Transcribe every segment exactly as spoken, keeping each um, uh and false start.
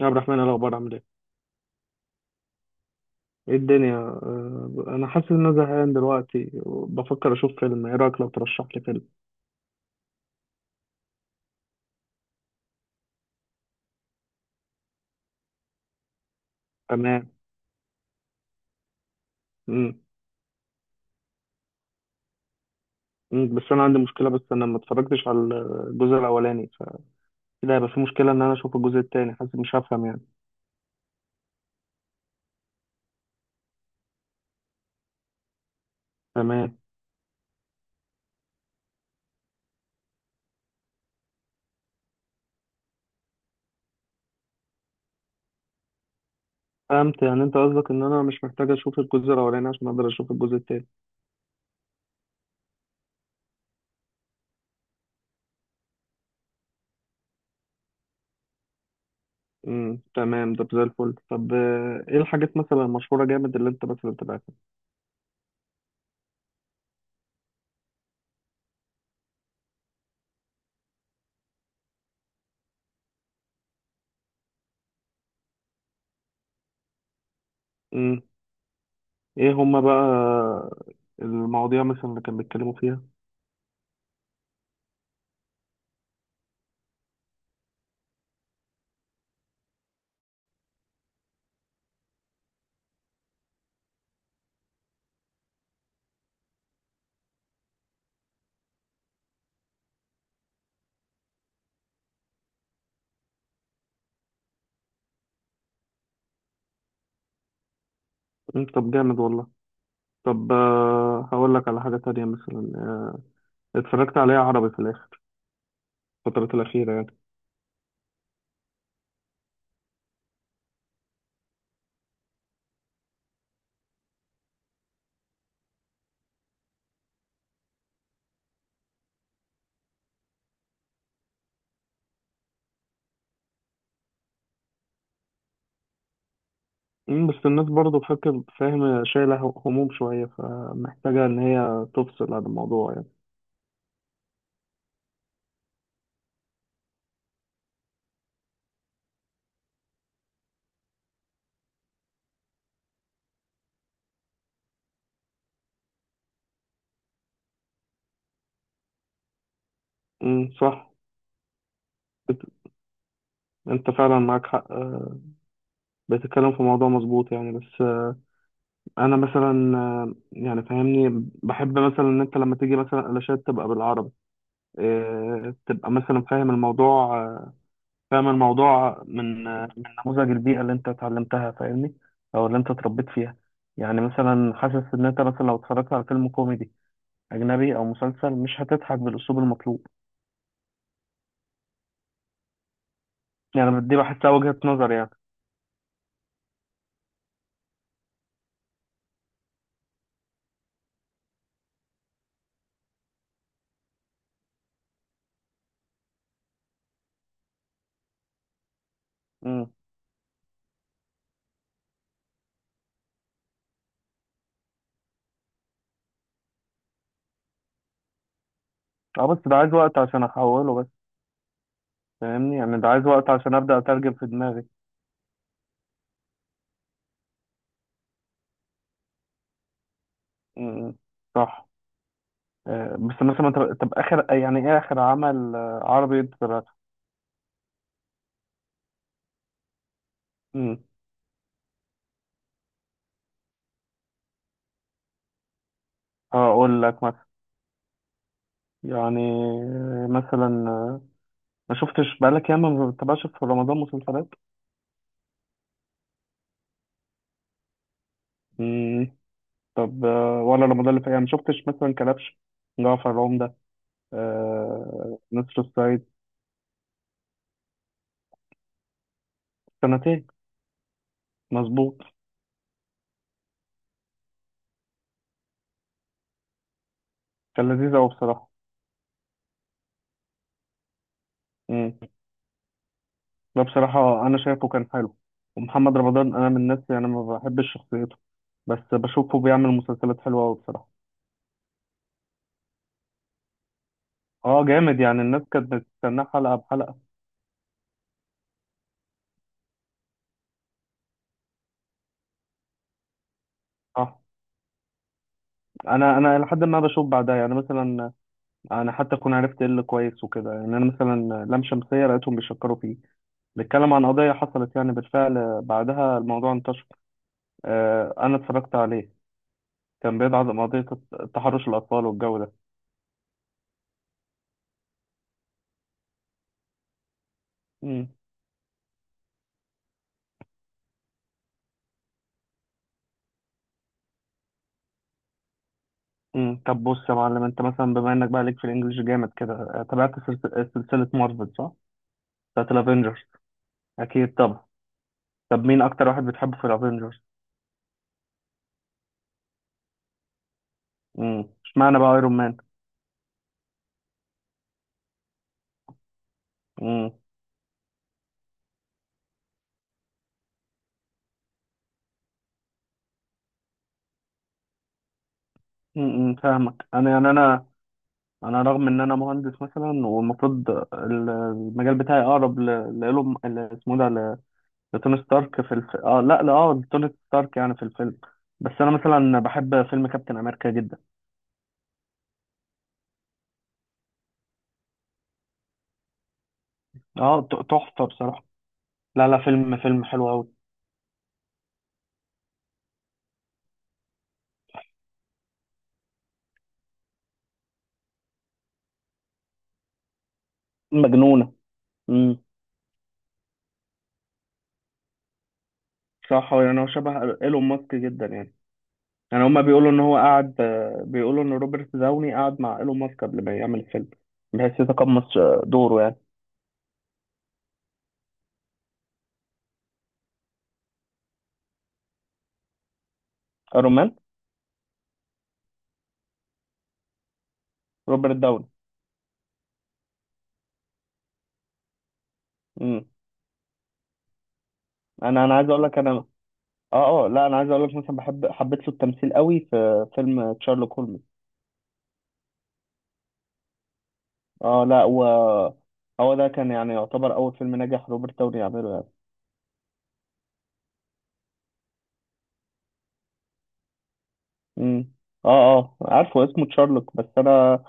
يا عبد الرحمن، إيه الأخبار؟ عامل إيه؟ إيه الدنيا؟ آه، أنا حاسس إن أنا زهقان دلوقتي وبفكر أشوف فيلم. إيه رأيك لو ترشح لي فيلم؟ تمام. مم. مم. بس أنا عندي مشكلة بس أنا ما اتفرجتش على الجزء الأولاني، فكده هيبقى في مشكلة إن أنا أشوف الجزء التاني، حاسس مش هفهم يعني. تمام. فهمت، يعني أنت قصدك إن أنا مش محتاج أشوف الجزء الأولاني عشان أقدر أشوف الجزء التاني. مم. تمام، ده زي الفل. طب آه، إيه الحاجات مثلا المشهورة جامد اللي أنت مثلا تبعتها؟ مم. إيه هما بقى المواضيع مثلا اللي كانوا بيتكلموا فيها؟ مم، طب جامد والله. طب آه، هقول لك على حاجة تانية مثلا. آه، اتفرجت عليها عربي في الآخر، الفترات الأخيرة يعني. مم، بس الناس برضه فاكر فاهم شايلة هموم شوية، فمحتاجة إن هي تفصل عن الموضوع يعني. مم، صح. أنت فعلا معاك حق. آه، بتتكلم في موضوع مظبوط يعني، بس. آه، أنا مثلا آه، يعني فاهمني بحب مثلا إن أنت لما تيجي مثلا علاشات تبقى بالعربي. آه، تبقى مثلا فاهم الموضوع. آه، فاهم الموضوع من من نموذج البيئة اللي انت اتعلمتها، فاهمني، او اللي انت اتربيت فيها. يعني مثلا حاسس ان انت مثلا لو اتفرجت على فيلم كوميدي اجنبي او مسلسل، مش هتضحك بالاسلوب المطلوب. يعني دي بحسها وجهة نظر يعني. امم. اه، بس ده عايز وقت عشان احوله بس، فاهمني، يعني ده عايز وقت عشان ابدا اترجم في دماغي. امم. صح. آه، بس مثلا، طب طب اخر، يعني ايه اخر عمل آه، عربي انت تابعته؟ امم. هقول لك مثلا، يعني آه، مثلا. آه، ما شفتش بقالك ياما، ما بتتابعش في رمضان مسلسلات؟ مم. طب آه، ولا رمضان اللي فات، يعني ما شفتش مثلا كلبش، جعفر العمدة، آه، نسر الصعيد؟ سنتين، مظبوط. كان لذيذ أوي بصراحة. مم. ده بصراحة أنا شايفه كان حلو، ومحمد رمضان أنا من الناس يعني ما بحبش شخصيته، بس بشوفه بيعمل مسلسلات حلوة أوي بصراحة. اه، جامد يعني، الناس كانت بتستناه حلقة بحلقة. اه، انا انا لحد ما بشوف بعدها يعني، مثلا انا حتى اكون عرفت ايه اللي كويس وكده. يعني انا مثلا لام شمسيه لقيتهم بيشكروا فيه، بيتكلم عن قضيه حصلت يعني بالفعل، بعدها الموضوع انتشر. آه، انا اتفرجت عليه، كان بيدعى قضيه تحرش الاطفال والجو ده. مم. مم. طب بص يا معلم، انت مثلا بما انك بقى ليك في الانجليش جامد كده، آه، تابعت سلسله سلسلة مارفل، صح؟ بتاعت الافينجرز؟ اكيد طبعا. طب مين اكتر واحد بتحبه في الافينجرز؟ امم اشمعنى بقى ايرون مان؟ امم فاهمك انا، يعني انا انا رغم ان انا مهندس مثلا، والمفروض ال- المجال بتاعي اقرب ل- لايلون، ل- اسمه ده، ل- لتوني ستارك في الف... اه لا لا اه لتوني ستارك يعني في الفيلم. بس انا مثلا بحب فيلم كابتن امريكا جدا. اه، ت- تحفه بصراحه. لا، لا، فيلم فيلم حلو قوي. مجنونه. امم. صح. هو يعني هو شبه ايلون ماسك جدا يعني. يعني هما بيقولوا ان هو قعد، آه، بيقولوا ان روبرت داوني قعد مع ايلون ماسك قبل ما يعمل الفيلم، بحيث يتقمص آه، دوره يعني. ايرون مان. روبرت داوني. امم انا انا عايز اقول لك، انا اه، اه، لا، انا عايز اقول لك مثلا، بحب حبيت له التمثيل قوي في فيلم تشارلوك هولمز. اه، لا، و هو ده كان، يعني يعتبر اول فيلم ناجح روبرت داوني يعمله يعني. امم. اه، اه، عارفه اسمه تشارلوك، بس انا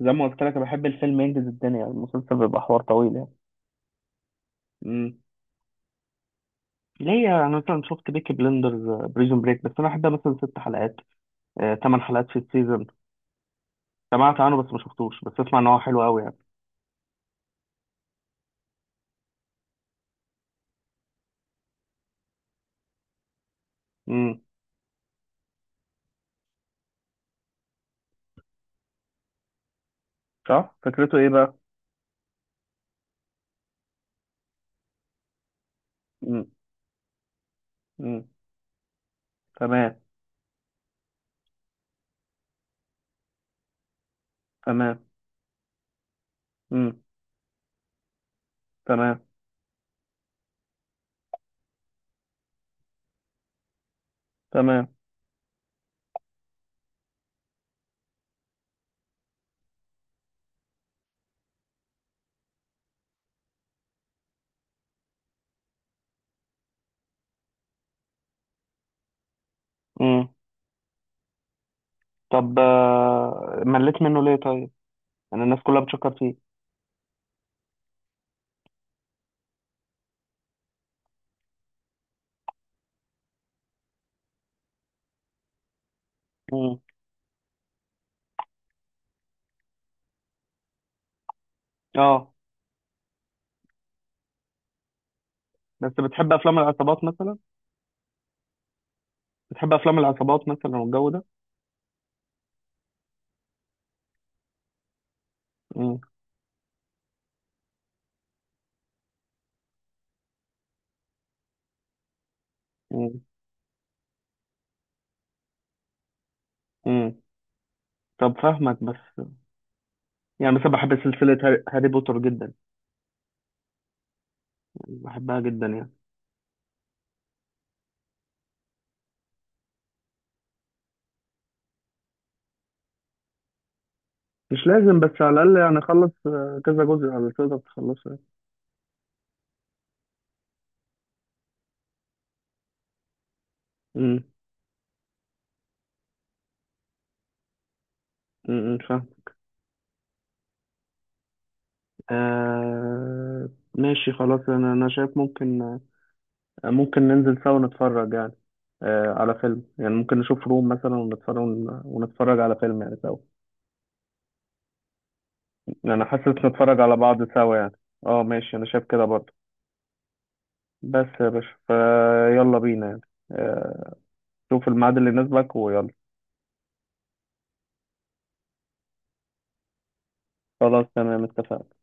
زي ما قلت لك، انا بحب الفيلم ينجز الدنيا، المسلسل بيبقى حوار طويل يعني. امم ليا انا مثلا شفت بيكي بلندرز، بريزون بريك، بس انا احبها مثلا ست حلقات، آه، تمن حلقات في السيزون. سمعت عنه بس ما شفتوش، بس اسمع ان هو حلو قوي يعني. امم. صح، فكرته ايه بقى؟ امم. امم. تمام. تمام. مم. تمام. تمام. امم طب آه، مليت منه ليه طيب؟ يعني الناس كلها بتشكر فيه. امم. اه، بس بتحب افلام العصابات مثلا؟ بتحب افلام العصابات مثلا والجو ده؟ امم. امم. امم طب فاهمك بس. يعني بس بحب سلسلة هاري هاري بوتر جدا، يعني بحبها جدا يعني. مش لازم، بس على الأقل يعني أخلص آه، كذا جزء على تقدر تخلصه يعني. امم. امم أمم، فاهم. آه، ماشي خلاص. أنا أنا شايف ممكن، ممكن ننزل سوا نتفرج يعني، آه على فيلم يعني، ممكن نشوف روم مثلا ونتفرج، ونتفرج على فيلم يعني سوا. يعني انا حاسس نتفرج على بعض سوا يعني. اه، ماشي، انا شايف كده برضه. بس يا باشا، فيلا بينا يعني. آه، شوف الميعاد اللي يناسبك ويلا. خلاص، تمام، اتفقنا.